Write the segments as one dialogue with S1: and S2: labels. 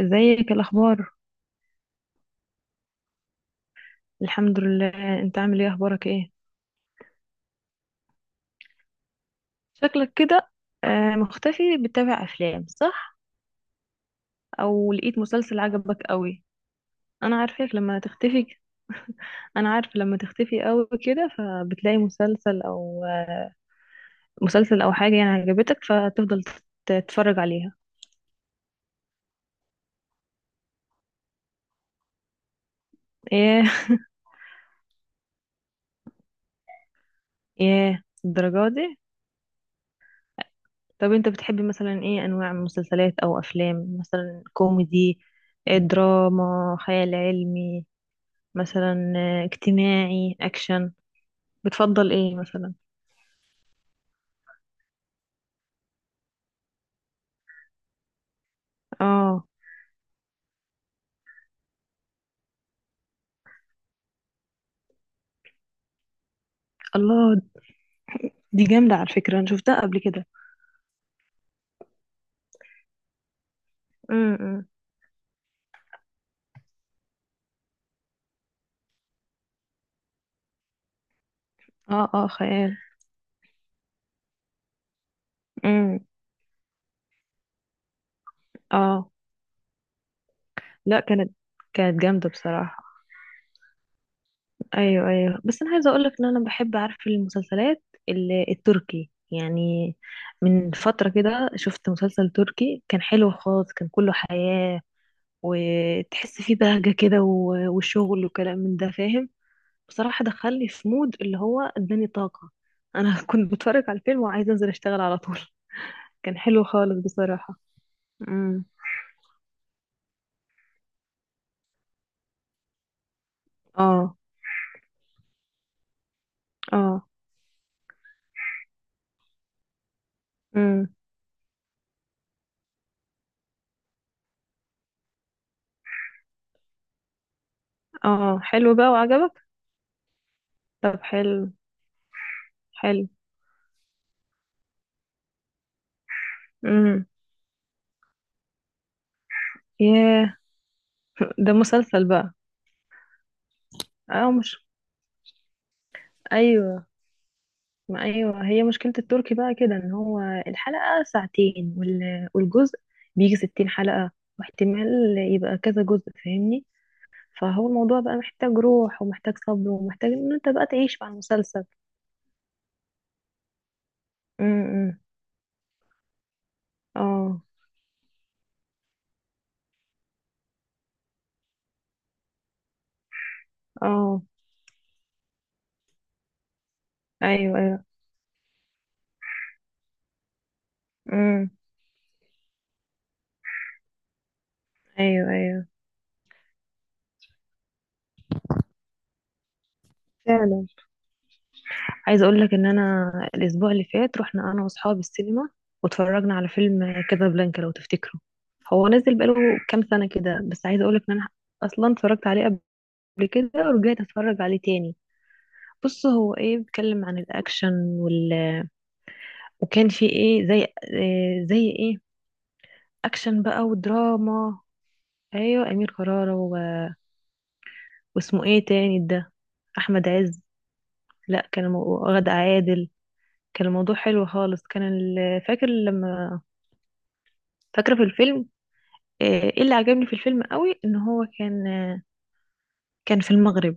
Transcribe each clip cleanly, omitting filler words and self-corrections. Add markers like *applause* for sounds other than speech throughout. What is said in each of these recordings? S1: ازيك الاخبار؟ الحمد لله. انت عامل ايه؟ اخبارك ايه؟ شكلك كده. مختفي، بتتابع افلام صح؟ او لقيت مسلسل عجبك قوي؟ انا عارفك لما تختفي. انا عارف لما تختفي قوي كده، فبتلاقي مسلسل او حاجه يعني عجبتك فتفضل تتفرج عليها. ايه؟ *laughs* ايه الدرجه دي؟ طب انت بتحبي مثلا ايه انواع من مسلسلات او افلام؟ مثلا كوميدي، دراما، خيال علمي مثلا، اجتماعي، اكشن، بتفضل ايه مثلا؟ اه. الله، دي جامدة على فكرة، أنا شفتها قبل كده. امم. اه، اه، خيال. امم. اه، لا، كانت جامدة بصراحة. ايوه، ايوه، بس انا عايزه اقول لك ان انا بحب اعرف المسلسلات التركي يعني. من فتره كده شفت مسلسل تركي كان حلو خالص، كان كله حياه، وتحس فيه بهجه كده، و- وشغل وكلام من ده، فاهم. بصراحة دخلني في مود اللي هو اداني طاقة. انا *laughs* كنت بتفرج على الفيلم وعايزة انزل اشتغل على طول. كان حلو خالص بصراحة. امم. اه، اه. امم. اه، حلو بقى وعجبك؟ طب حلو. حلو. امم. ياه. ده مسلسل بقى؟ اه، مش ايوه. ما ايوه، هي مشكلة التركي بقى كده، ان هو الحلقة ساعتين والجزء بيجي 60 حلقة، واحتمال يبقى كذا جزء، فاهمني؟ فهو الموضوع بقى محتاج روح، ومحتاج صبر، ومحتاج ان انت بقى تعيش مع المسلسل. امم. اه، اه. ايوه، ايوه. امم. ايوه، ايوه، فعلا. عايزه اقول لك ان انا الاسبوع اللي فات رحنا انا واصحابي السينما، واتفرجنا على فيلم كازابلانكا، لو تفتكره، هو نزل بقاله كام سنه كده، بس عايزه اقول لك ان انا اصلا اتفرجت عليه قبل كده ورجعت اتفرج عليه تاني. بص، هو ايه؟ بيتكلم عن الاكشن وكان في ايه، زي إيه زي ايه، اكشن بقى ودراما. ايوه، امير كرارة واسمه ايه تاني ده؟ احمد عز. لا، كان غادة عادل. كان الموضوع حلو خالص، كان فاكره في الفيلم، ايه اللي عجبني في الفيلم قوي؟ ان هو كان في المغرب،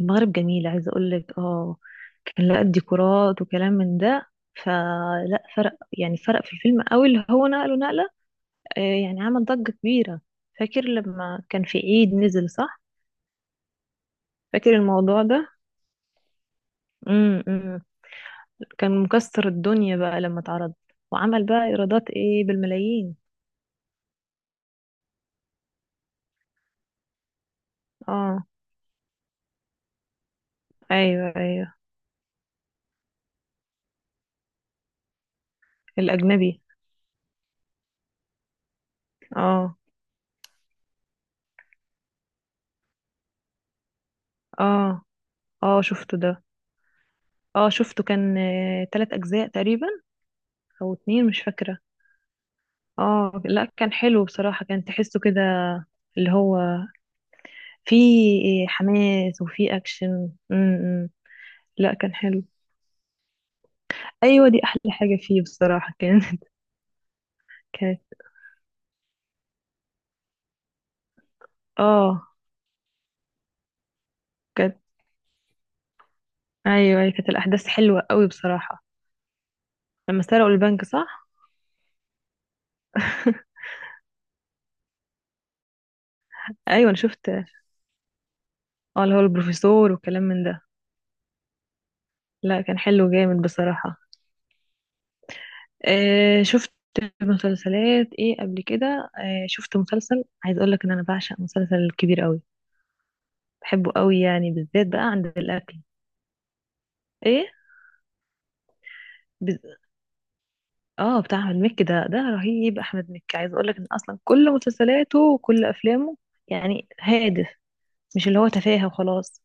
S1: المغرب جميل عايزه اقول لك. اه كان لقى ديكورات وكلام من ده، فلا فرق يعني، فرق في الفيلم قوي اللي هو، نقله نقله، آه، يعني عمل ضجه كبيره. فاكر لما كان في عيد نزل صح؟ فاكر الموضوع ده؟ امم، كان مكسر الدنيا بقى لما اتعرض، وعمل بقى ايرادات ايه بالملايين. اه. ايوه، ايوه، الاجنبي. اه، اه، اه، شفته ده. اه، شفته، كان 3 اجزاء تقريبا، او اتنين مش فاكرة. اه، لا، كان حلو بصراحة، كان تحسه كده، اللي هو فيه حماس وفيه اكشن. امم. لا، كان حلو. ايوه، دي احلى حاجة فيه بصراحة، كان *laughs* كانت اه كانت ايوه، أيوة، كانت الاحداث حلوة قوي بصراحة. لما سرقوا البنك صح؟ ايوه، انا شفت، اللي هو البروفيسور وكلام من ده. لا، كان حلو جامد بصراحة. آه، شفت مسلسلات ايه قبل كده؟ آه، شفت مسلسل، عايز اقول لك ان انا بعشق مسلسل كبير قوي، بحبه قوي يعني، بالذات بقى عند الاكل. ايه؟ بز... اه، بتاع احمد مكي ده ده رهيب. احمد مكي عايز اقول لك ان اصلا كل مسلسلاته وكل افلامه يعني هادف، مش اللي هو تفاهة وخلاص.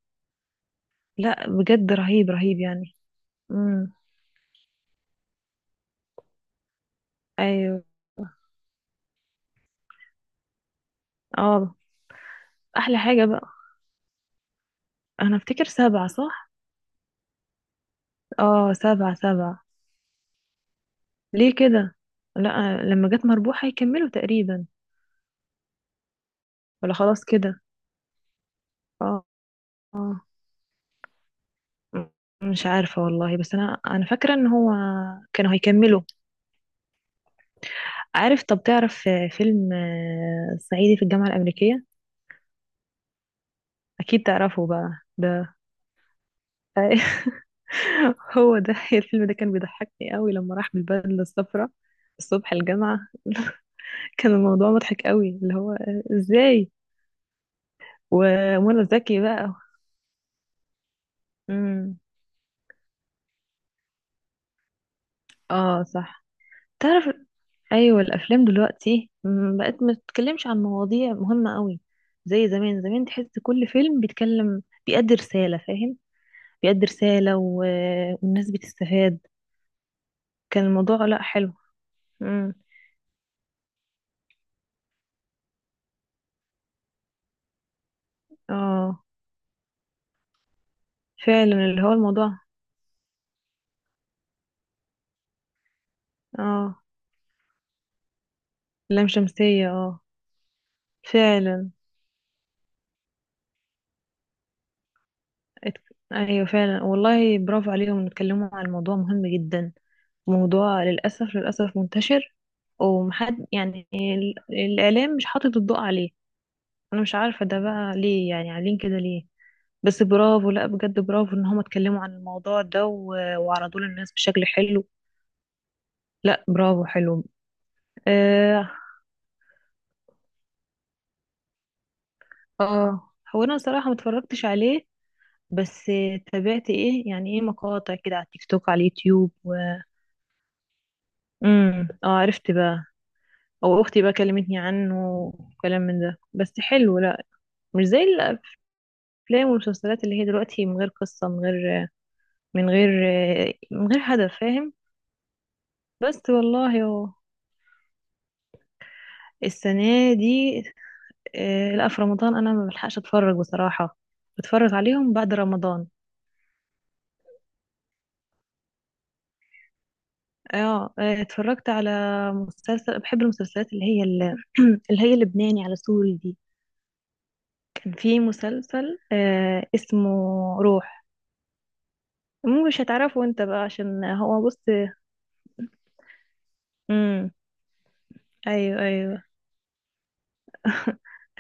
S1: لا بجد، رهيب رهيب يعني. امم. ايوه. اه، احلى حاجة بقى. انا افتكر سبعة صح؟ اه، سبعة، سبعة. ليه كده؟ لا، لما جت مربوح هيكملوا تقريبا. ولا خلاص كده؟ اه. اه. م- مش عارفة والله، بس انا فاكرة ان هو كانوا هيكملوا. عارف، طب تعرف فيلم صعيدي في الجامعة الأمريكية؟ اكيد تعرفه بقى ده. *laughs* هو ده الفيلم ده، كان بيضحكني قوي لما راح بالبدلة الصفراء الصبح الجامعة. كان الموضوع مضحك قوي، اللي هو ازاي ومنى زكي بقى. امم. اه، صح. تعرف، ايوه، الافلام دلوقتي بقت ما تتكلمش عن مواضيع مهمه قوي زي زمان. زمان تحس كل فيلم بيتكلم، بيأدي رساله، فاهم؟ بيأدي رساله والناس بتستفاد. كان الموضوع لا، حلو. امم. اه، فعلا، اللي هو الموضوع. اه، لام شمسيه اه. فعلا. ات... ايوه، فعلا والله، برافو عليهم إنه اتكلموا عن موضوع مهم جدا. موضوع للاسف، للاسف منتشر ومحد يعني، الاعلام مش حاطط الضوء عليه. انا مش عارفه ده بقى ليه يعني، عاملين كده ليه؟ بس برافو، لا بجد، برافو ان هم اتكلموا عن الموضوع ده، و- وعرضوه للناس بشكل حلو. لا برافو، حلو. اه. آه. هو انا صراحه ما اتفرجتش عليه، بس تابعت ايه يعني، ايه مقاطع كده على التيك توك، على اليوتيوب امم. اه، عرفت بقى، او اختي بقى كلمتني عنه وكلام من ده، بس حلو. لا، مش زي الافلام والمسلسلات اللي هي دلوقتي، من غير قصه، من غير من غير هدف، فاهم؟ بس والله هو السنة دي، لا في رمضان أنا ما بلحقش أتفرج بصراحة، بتفرج عليهم بعد رمضان. اه، اتفرجت على مسلسل، بحب المسلسلات اللي هي *clears throat* اللي هي اللبناني على سوري دي. كان في مسلسل اسمه روح، مو مش هتعرفه انت بقى عشان هو بص. امم. ايوه، ايوه،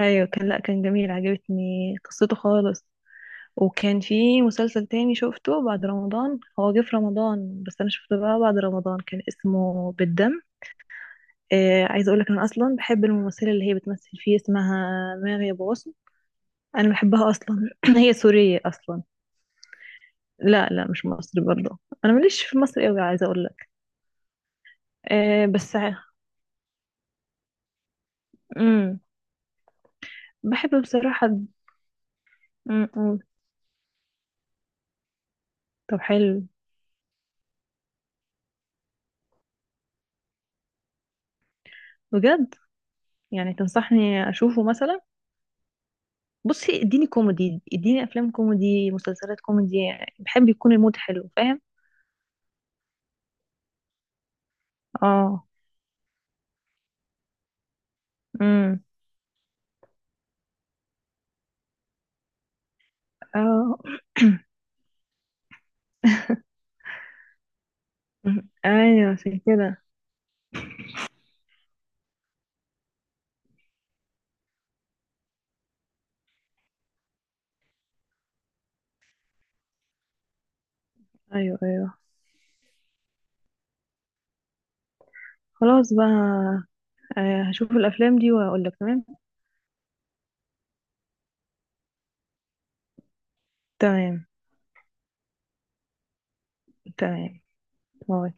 S1: ايوه، كان، لا كان جميل، عجبتني قصته خالص. وكان في مسلسل تاني شفته بعد رمضان، هو جه في رمضان بس انا شفته بقى بعد رمضان، كان اسمه بالدم. عايزه اقول لك انا اصلا بحب الممثله اللي هي بتمثل فيه، اسمها ماغي ابو غصن. انا بحبها اصلا. *clears throat* هي سوريه اصلا. لا، لا، مش مصري برضه، انا ماليش في مصر قوي عايزه اقول لك. آه بس ع- امم. بحب بصراحه. مم. طب حلو. بجد يعني تنصحني اشوفه مثلا؟ بصي، اديني كوميدي، اديني افلام كوميدي، مسلسلات كوميدي، بحب يكون المود حلو، فاهم؟ اه. امم. اه. *coughs* *clears throat* ايوه، عشان كده. ايوه، ايوه. خلاص بقى، هشوف الافلام دي واقول لك. تمام. تمام. تمام. باي.